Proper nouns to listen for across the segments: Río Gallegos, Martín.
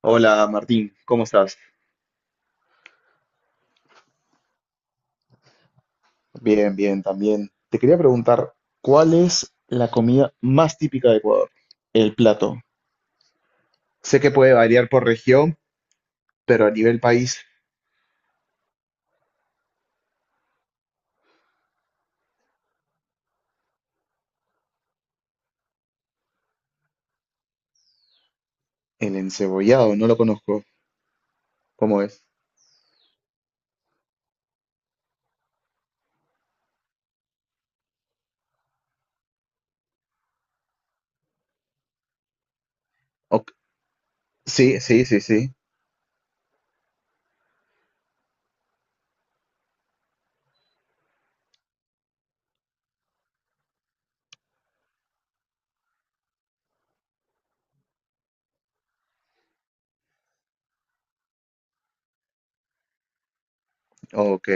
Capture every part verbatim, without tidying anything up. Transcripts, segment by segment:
Hola Martín, ¿cómo estás? Bien, bien, también. Te quería preguntar, ¿cuál es la comida más típica de Ecuador? El plato. Sé que puede variar por región, pero a nivel país, el encebollado, no lo conozco. ¿Cómo es? Ok. Sí, sí, sí, sí. Ok.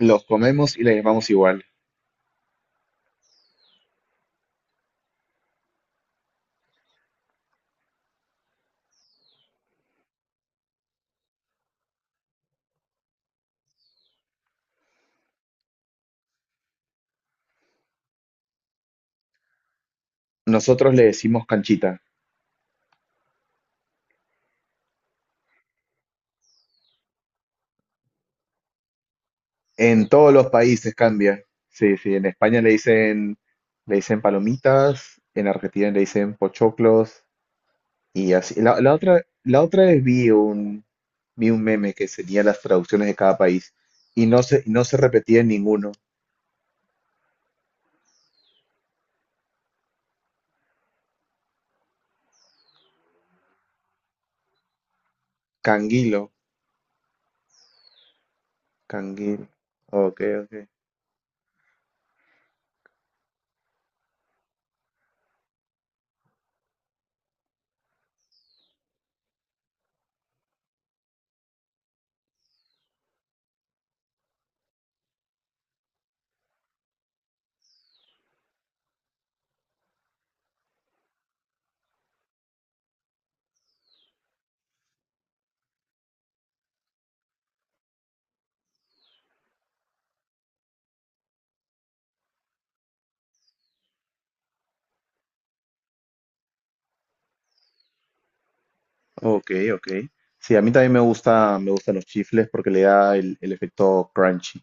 Los comemos y le llamamos igual. Nosotros le decimos canchita. En todos los países cambia. Sí, sí. En España le dicen, le dicen palomitas, en Argentina le dicen pochoclos. Y así, la, la otra, la otra vez vi un, vi un meme que tenía las traducciones de cada país y no se, no se repetía en ninguno. Canguilo, canguil. Ok, ok. Ok, ok. Sí, a mí también me gusta, me gustan los chifles porque le da el, el efecto crunchy.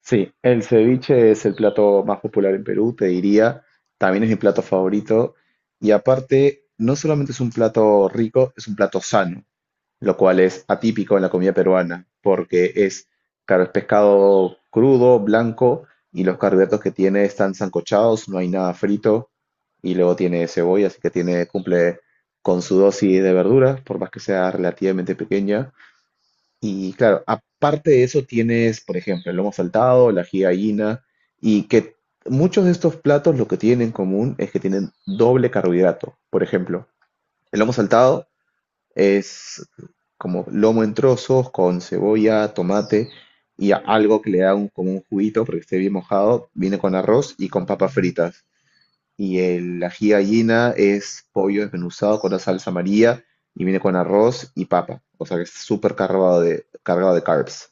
Sí, el ceviche es el plato más popular en Perú, te diría. También es mi plato favorito. Y aparte, no solamente es un plato rico, es un plato sano, lo cual es atípico en la comida peruana, porque es, claro, es pescado crudo, blanco, y los carbohidratos que tiene están sancochados, no hay nada frito, y luego tiene cebolla, así que tiene, cumple con su dosis de verduras, por más que sea relativamente pequeña. Y claro, aparte de eso tienes, por ejemplo, el lomo saltado, la ají de gallina, y que muchos de estos platos lo que tienen en común es que tienen doble carbohidrato. Por ejemplo, el lomo saltado es como lomo en trozos con cebolla, tomate y a- algo que le da un, como un juguito porque esté bien mojado. Viene con arroz y con papas fritas. Y el ají gallina es pollo desmenuzado con la salsa amarilla y viene con arroz y papa. O sea que es súper cargado de, cargado de carbs.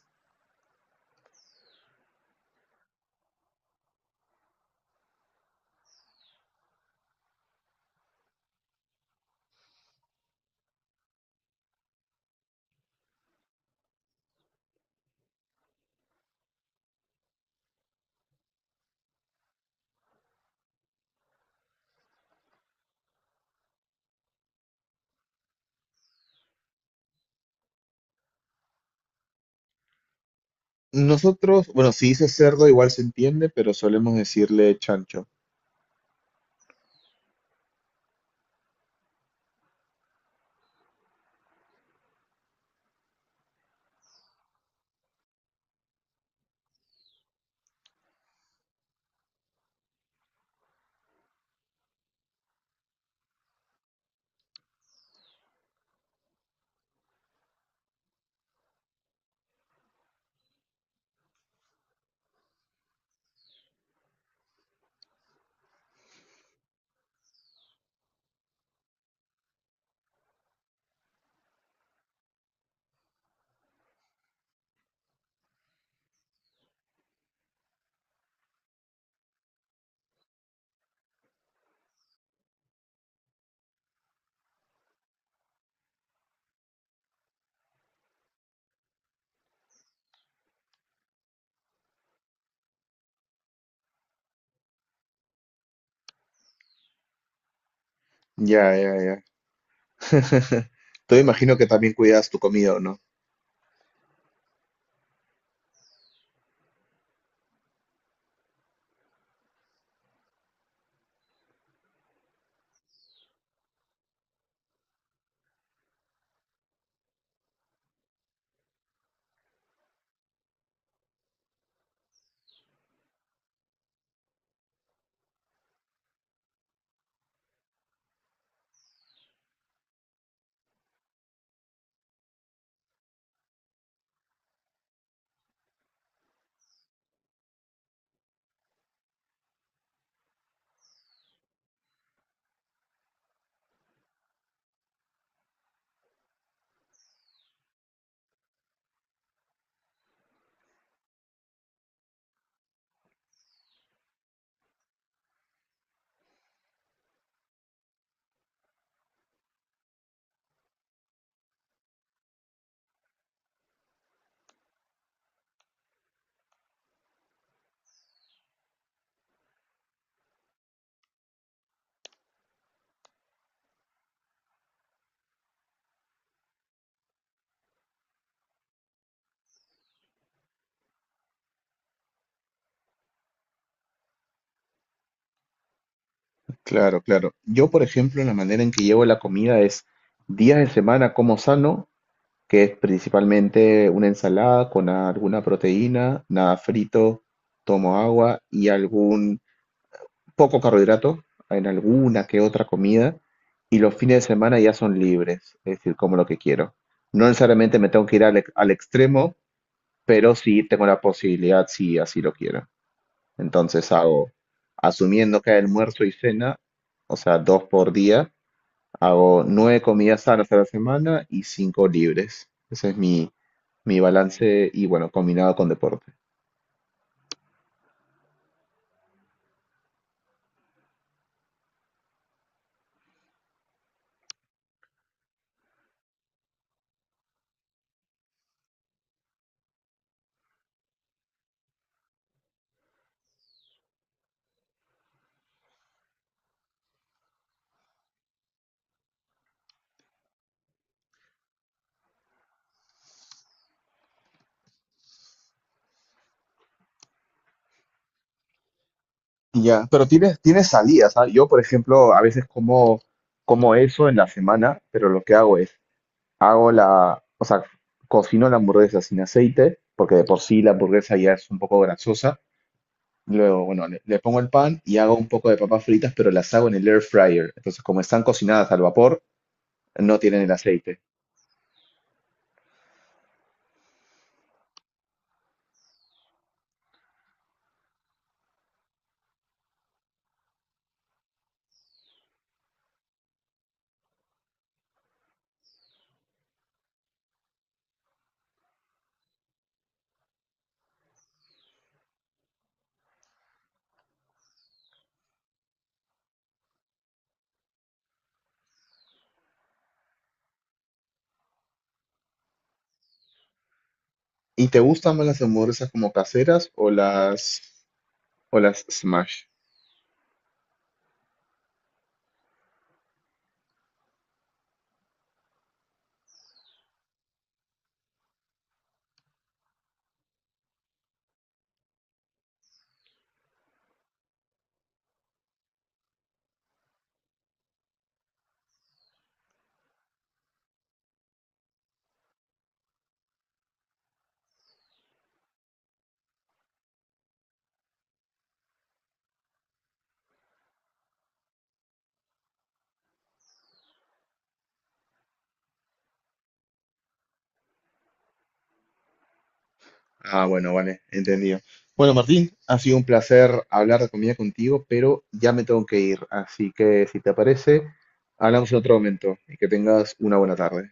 Nosotros, bueno, si dice cerdo igual se entiende, pero solemos decirle chancho. Ya, ya, ya. Tú imagino que también cuidas tu comida, ¿o no? Claro, claro. Yo, por ejemplo, la manera en que llevo la comida es: días de semana como sano, que es principalmente una ensalada con alguna proteína, nada frito, tomo agua y algún poco carbohidrato en alguna que otra comida. Y los fines de semana ya son libres, es decir, como lo que quiero. No necesariamente me tengo que ir al, ex- al extremo, pero sí tengo la posibilidad si así lo quiero. Entonces hago, asumiendo que hay almuerzo y cena, o sea, dos por día, hago nueve comidas sanas a la semana y cinco libres. Ese es mi, mi balance y bueno, combinado con deporte. Ya, pero tienes, tienes salidas, ¿ah? Yo, por ejemplo, a veces como, como eso en la semana, pero lo que hago es, hago la, o sea, cocino la hamburguesa sin aceite, porque de por sí la hamburguesa ya es un poco grasosa. Luego, bueno, le, le pongo el pan y hago un poco de papas fritas, pero las hago en el air fryer. Entonces, como están cocinadas al vapor, no tienen el aceite. ¿Y te gustan más las hamburguesas como caseras o las o las smash? Ah, bueno, vale, entendido. Bueno, Martín, ha sido un placer hablar de comida contigo, pero ya me tengo que ir, así que si te parece, hablamos en otro momento y que tengas una buena tarde.